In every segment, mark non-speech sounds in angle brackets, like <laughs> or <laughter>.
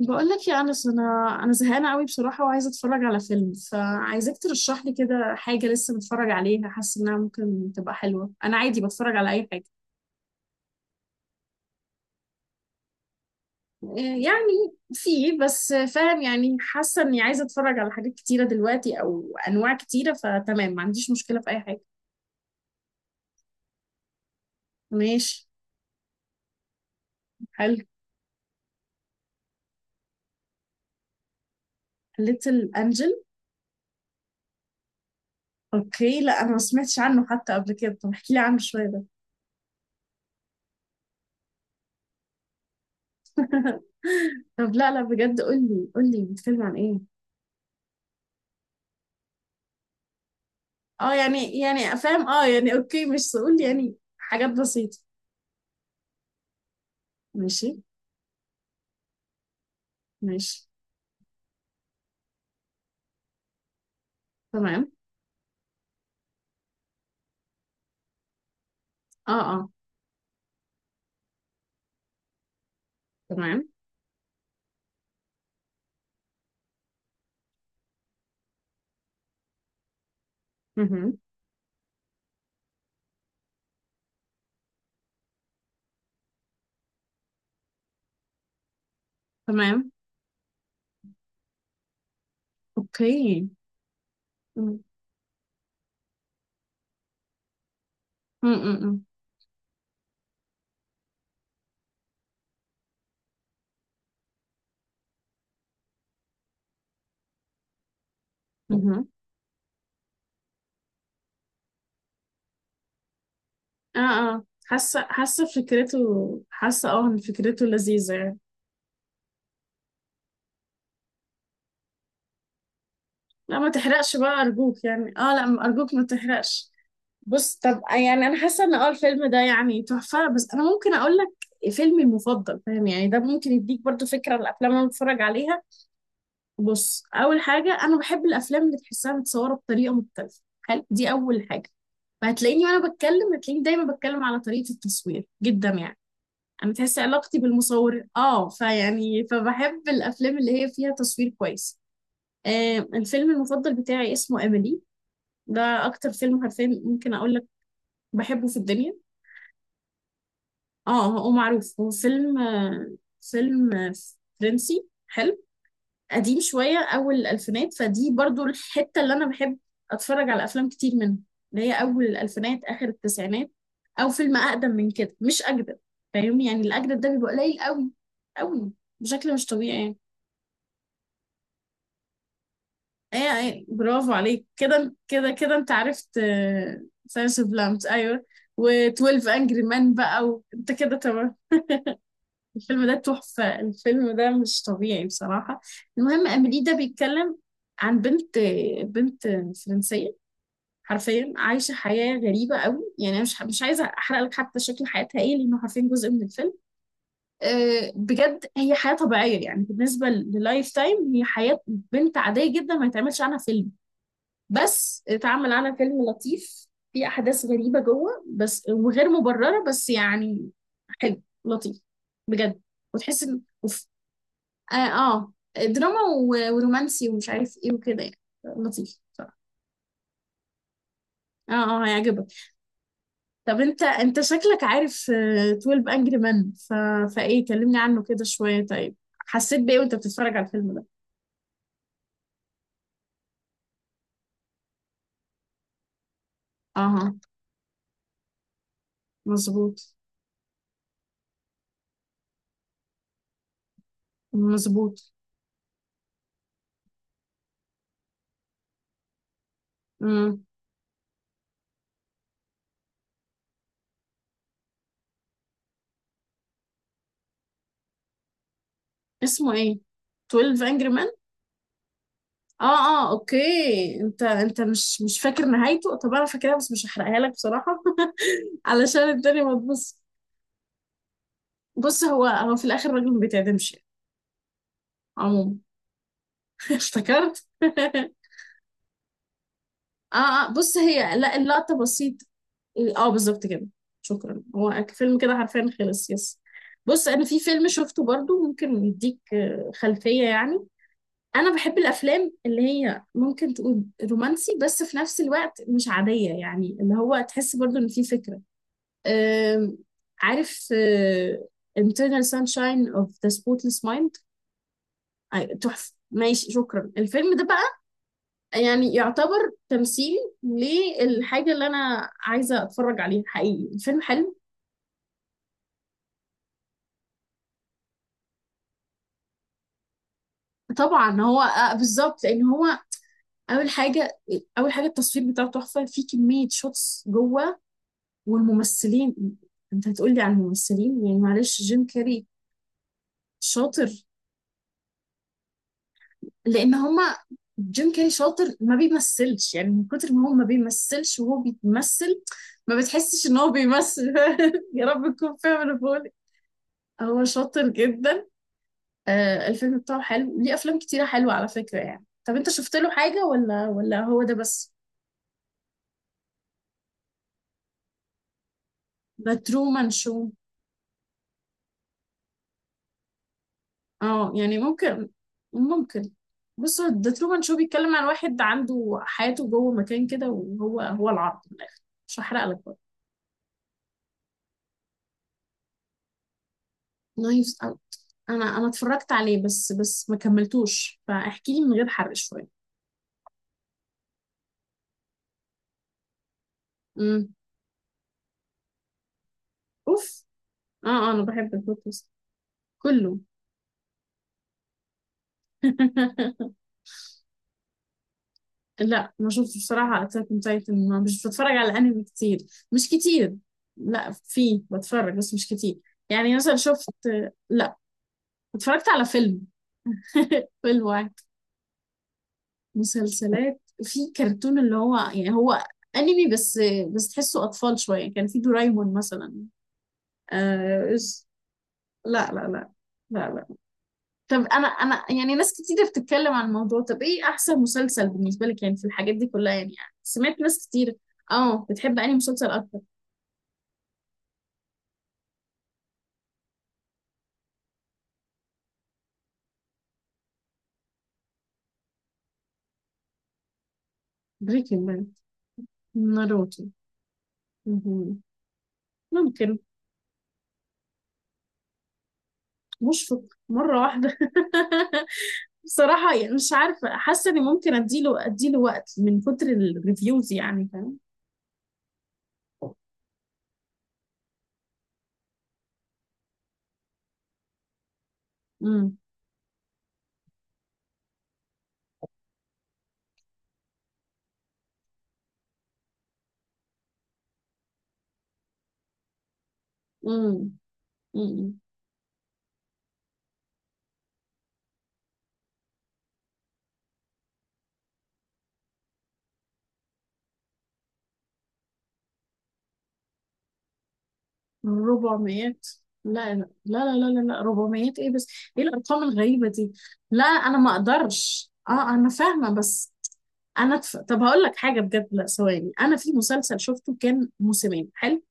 بقول لك يا انس، انا زهقانه قوي بصراحه وعايزه اتفرج على فيلم، فعايزاك ترشح لي كده حاجه لسه بتفرج عليها حاسه انها ممكن تبقى حلوه. انا عادي بتفرج على اي حاجه. يعني في بس، فاهم يعني، حاسه اني عايزه اتفرج على حاجات كتيره دلوقتي او انواع كتيره، فتمام، ما عنديش مشكله في اي حاجه. ماشي. حلو. ليتل انجل. اوكي. لا، انا ما سمعتش عنه حتى قبل كده. طب احكي لي عنه شويه ده. <laughs> طب لا لا، بجد قول لي بيتكلم عن ايه. اه يعني، يعني افهم اه يعني، اوكي مش سؤول، يعني حاجات بسيطة. ماشي. ماشي. تمام. اه اه. تمام. مهم. تمام. اوكي. مم. مم، مم، مم. مهم. اه اه، حاسة فكرته. حاسة اه ان فكرته لذيذة يعني. لا ما تحرقش بقى ارجوك، يعني اه لا، ارجوك ما تحرقش. بص طب، يعني انا حاسة ان اه الفيلم ده يعني تحفة. بس انا ممكن اقول لك فيلمي المفضل، فاهم يعني؟ ده ممكن يديك برضو فكرة عن الافلام اللي أنا بتفرج عليها. بص، اول حاجه انا بحب الافلام اللي تحسها متصوره بطريقه مختلفه، حلو، دي اول حاجه. فهتلاقيني وانا بتكلم هتلاقيني دايما بتكلم على طريقه التصوير جدا يعني. انا تحس علاقتي بالمصور اه، فيعني فبحب الافلام اللي هي فيها تصوير كويس. آه، الفيلم المفضل بتاعي اسمه اميلي. ده اكتر فيلم حرفيا ممكن اقول لك بحبه في الدنيا. اه هو معروف، هو فيلم فيلم فرنسي حلو، قديم شوية، أول الألفينات، فدي برضو الحتة اللي أنا بحب أتفرج على أفلام كتير منها، اللي هي أول الألفينات آخر التسعينات، أو فيلم أقدم من كده، مش أجدد. فاهم يعني؟ الأجدد ده بيبقى قليل أوي بشكل مش طبيعي يعني. ايه ايه، برافو عليك، كده كده كده انت عرفت. ساينس اوف لامبس، ايوه. و12 انجري مان بقى، وانت كده تمام. الفيلم ده تحفة، الفيلم ده مش طبيعي بصراحة. المهم، أميلي ده بيتكلم عن بنت فرنسية حرفيا عايشة حياة غريبة قوي، يعني أنا مش عايزة أحرق لك حتى شكل حياتها إيه، لأنه حرفيا جزء من الفيلم. أه بجد، هي حياة طبيعية يعني، بالنسبة للايف تايم هي حياة بنت عادية جدا ما يتعملش عنها فيلم، بس اتعمل عنها فيلم لطيف. في أحداث غريبة جوه بس، وغير مبررة بس، يعني حلو، لطيف، بجد. وتحس ان اه، دراما ورومانسي ومش عارف ايه وكده يعني. لطيف بصراحة. اه اه، هيعجبك. طب انت انت شكلك عارف 12 انجري مان، فايه، كلمني عنه كده شوية، طيب حسيت بايه وانت بتتفرج على الفيلم ده؟ اه. مظبوط. مظبوط. امم. اسمه ايه؟ 12 انجري مان. اه. اه اوكي. انت انت مش فاكر نهايته. طب انا فاكرها، بس مش هحرقها لك بصراحة. <laughs> علشان الدنيا ما تبص. بص، هو هو في الاخر الراجل ما بيتعدمش يعني. عموما افتكرت. <laughs> اه اه، بص، هي لا، اللقطة بسيطة. اه بالظبط كده. شكرا. هو الفيلم كده حرفيا خلص، يس. بص، انا في فيلم شفته برضو ممكن يديك خلفية يعني. انا بحب الافلام اللي هي ممكن تقول رومانسي بس في نفس الوقت مش عادية، يعني اللي هو تحس برضو ان في فكرة. آم، عارف Internal Sunshine of the Spotless Mind؟ تحفة، ماشي، شكرا. الفيلم ده بقى يعني يعتبر تمثيل للحاجة اللي أنا عايزة أتفرج عليها حقيقي، الفيلم حلو. طبعا هو بالظبط، لأن هو أول حاجة أول حاجة التصوير بتاعه تحفة في كمية شوتس جوه، والممثلين، أنت هتقولي على الممثلين يعني، معلش، جيم كاري شاطر. لأن هما، جيم كاري شاطر ما بيمثلش يعني، من كتر ما هو ما بيمثلش وهو بيتمثل، ما بتحسش إن هو بيمثل. <laughs> يا رب تكون فاهم أنا بقول إيه. هو شاطر جدا. آه، الفيلم بتاعه حلو، ليه افلام كتيره حلوه على فكره يعني. طب انت شفت له حاجه ولا هو ده بس؟ ده ترومان شو. اه يعني ممكن. ممكن. بص، هو ده ترومان شو بيتكلم عن واحد عنده حياته جوه مكان كده، وهو هو العرض من الاخر، مش هحرق لك بقى. نايفز أوت. انا اتفرجت عليه بس، ما كملتوش، فاحكي لي من غير حرق شويه. امم. اوف. اه اه، انا بحب البودكاست كله. <laughs> لا ما شفتش بصراحة أتاك أون تايتن، ما مش بتفرج على أنمي كتير. مش كتير. لا في بتفرج بس مش كتير. يعني مثلا شفت، لا اتفرجت على فيلم، <laughs> فيلم واحد. مسلسلات في كرتون اللي هو يعني هو أنمي، بس بس تحسه أطفال شوية، كان في دورايمون مثلا. آه... إس- لا لا لا لا لا. طب أنا يعني ناس كتير بتتكلم عن الموضوع، طب إيه أحسن مسلسل بالنسبة لك يعني في الحاجات دي كلها، يعني، يعني سمعت ناس كتير. اه، بتحب أنهي مسلسل أكتر؟ بريكنج باد. ناروتو. مهم. ممكن. مشفق. مرة واحدة. <laughs> بصراحة يعني مش عارفة، حاسة اني ممكن اديله وقت من كتر الريفيوز، يعني فاهم. امم. امم. امم. 400؟ لا لا لا لا لا لا، 400 ايه بس؟ ايه الارقام الغريبة دي؟ لا، انا ما اقدرش. اه انا فاهمة بس. انا طب هقول لك حاجة بجد، لا ثواني، انا في مسلسل شفته كان موسمين حلو.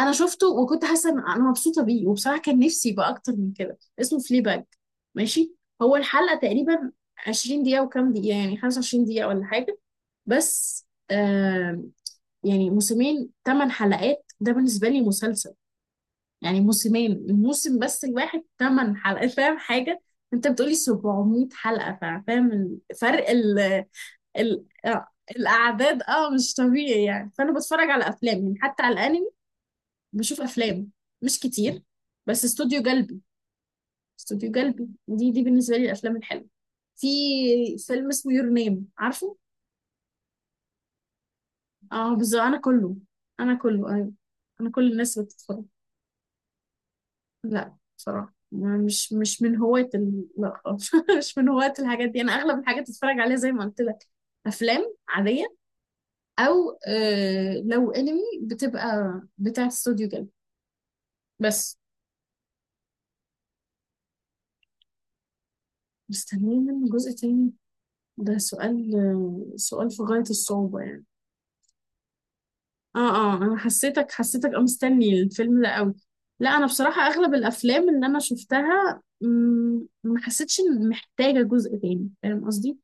انا شفته وكنت حاسه ان انا مبسوطه بيه، وبصراحه كان نفسي يبقى اكتر من كده. اسمه فلي باج، ماشي؟ هو الحلقه تقريبا 20 دقيقه وكام دقيقه، يعني 25 دقيقه ولا حاجه. بس، آه، يعني موسمين 8 حلقات، ده بالنسبه لي مسلسل، يعني موسمين الموسم بس الواحد 8 حلقات، فاهم حاجه؟ انت بتقولي 700 حلقه، فاهم الفرق؟ ال ال الاعداد اه مش طبيعي يعني. فانا بتفرج على افلام يعني، حتى على الانمي بشوف افلام، مش كتير، بس استوديو قلبي، استوديو قلبي دي بالنسبه لي الافلام الحلوه. في فيلم اسمه يور نيم، عارفه؟ اه بالظبط. انا كله، انا كله، ايوه، انا كل الناس بتتفرج. لا، بصراحه، مش مش من هواة ال... لا خالص، <laughs> مش من هواة الحاجات دي. انا اغلب الحاجات بتفرج عليها زي ما قلت لك، افلام عاديه، او آه لو انمي بتبقى بتاع استوديو جلب. بس، مستنيين منه جزء تاني، ده سؤال، سؤال في غاية الصعوبة يعني. اه اه، انا حسيتك اه مستني الفيلم ده قوي. لا انا بصراحة اغلب الافلام اللي انا شفتها، مم، ما حسيتش ان محتاجة جزء تاني، فاهم قصدي؟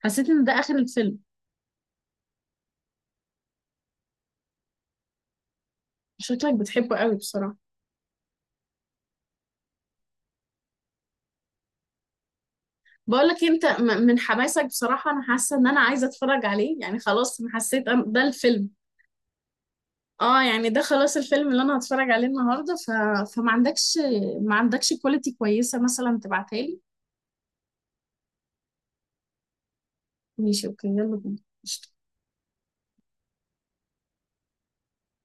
حسيت ان ده اخر الفيلم. شكلك بتحبه قوي بصراحة. بقول لك إيه، انت من حماسك بصراحة انا حاسة ان انا عايزة اتفرج عليه يعني خلاص، انا حسيت ده الفيلم. اه يعني ده خلاص الفيلم اللي انا هتفرج عليه النهارده، فما عندكش، ما عندكش كواليتي كويسة مثلا تبعتها لي؟ ماشي اوكي، يلا بينا.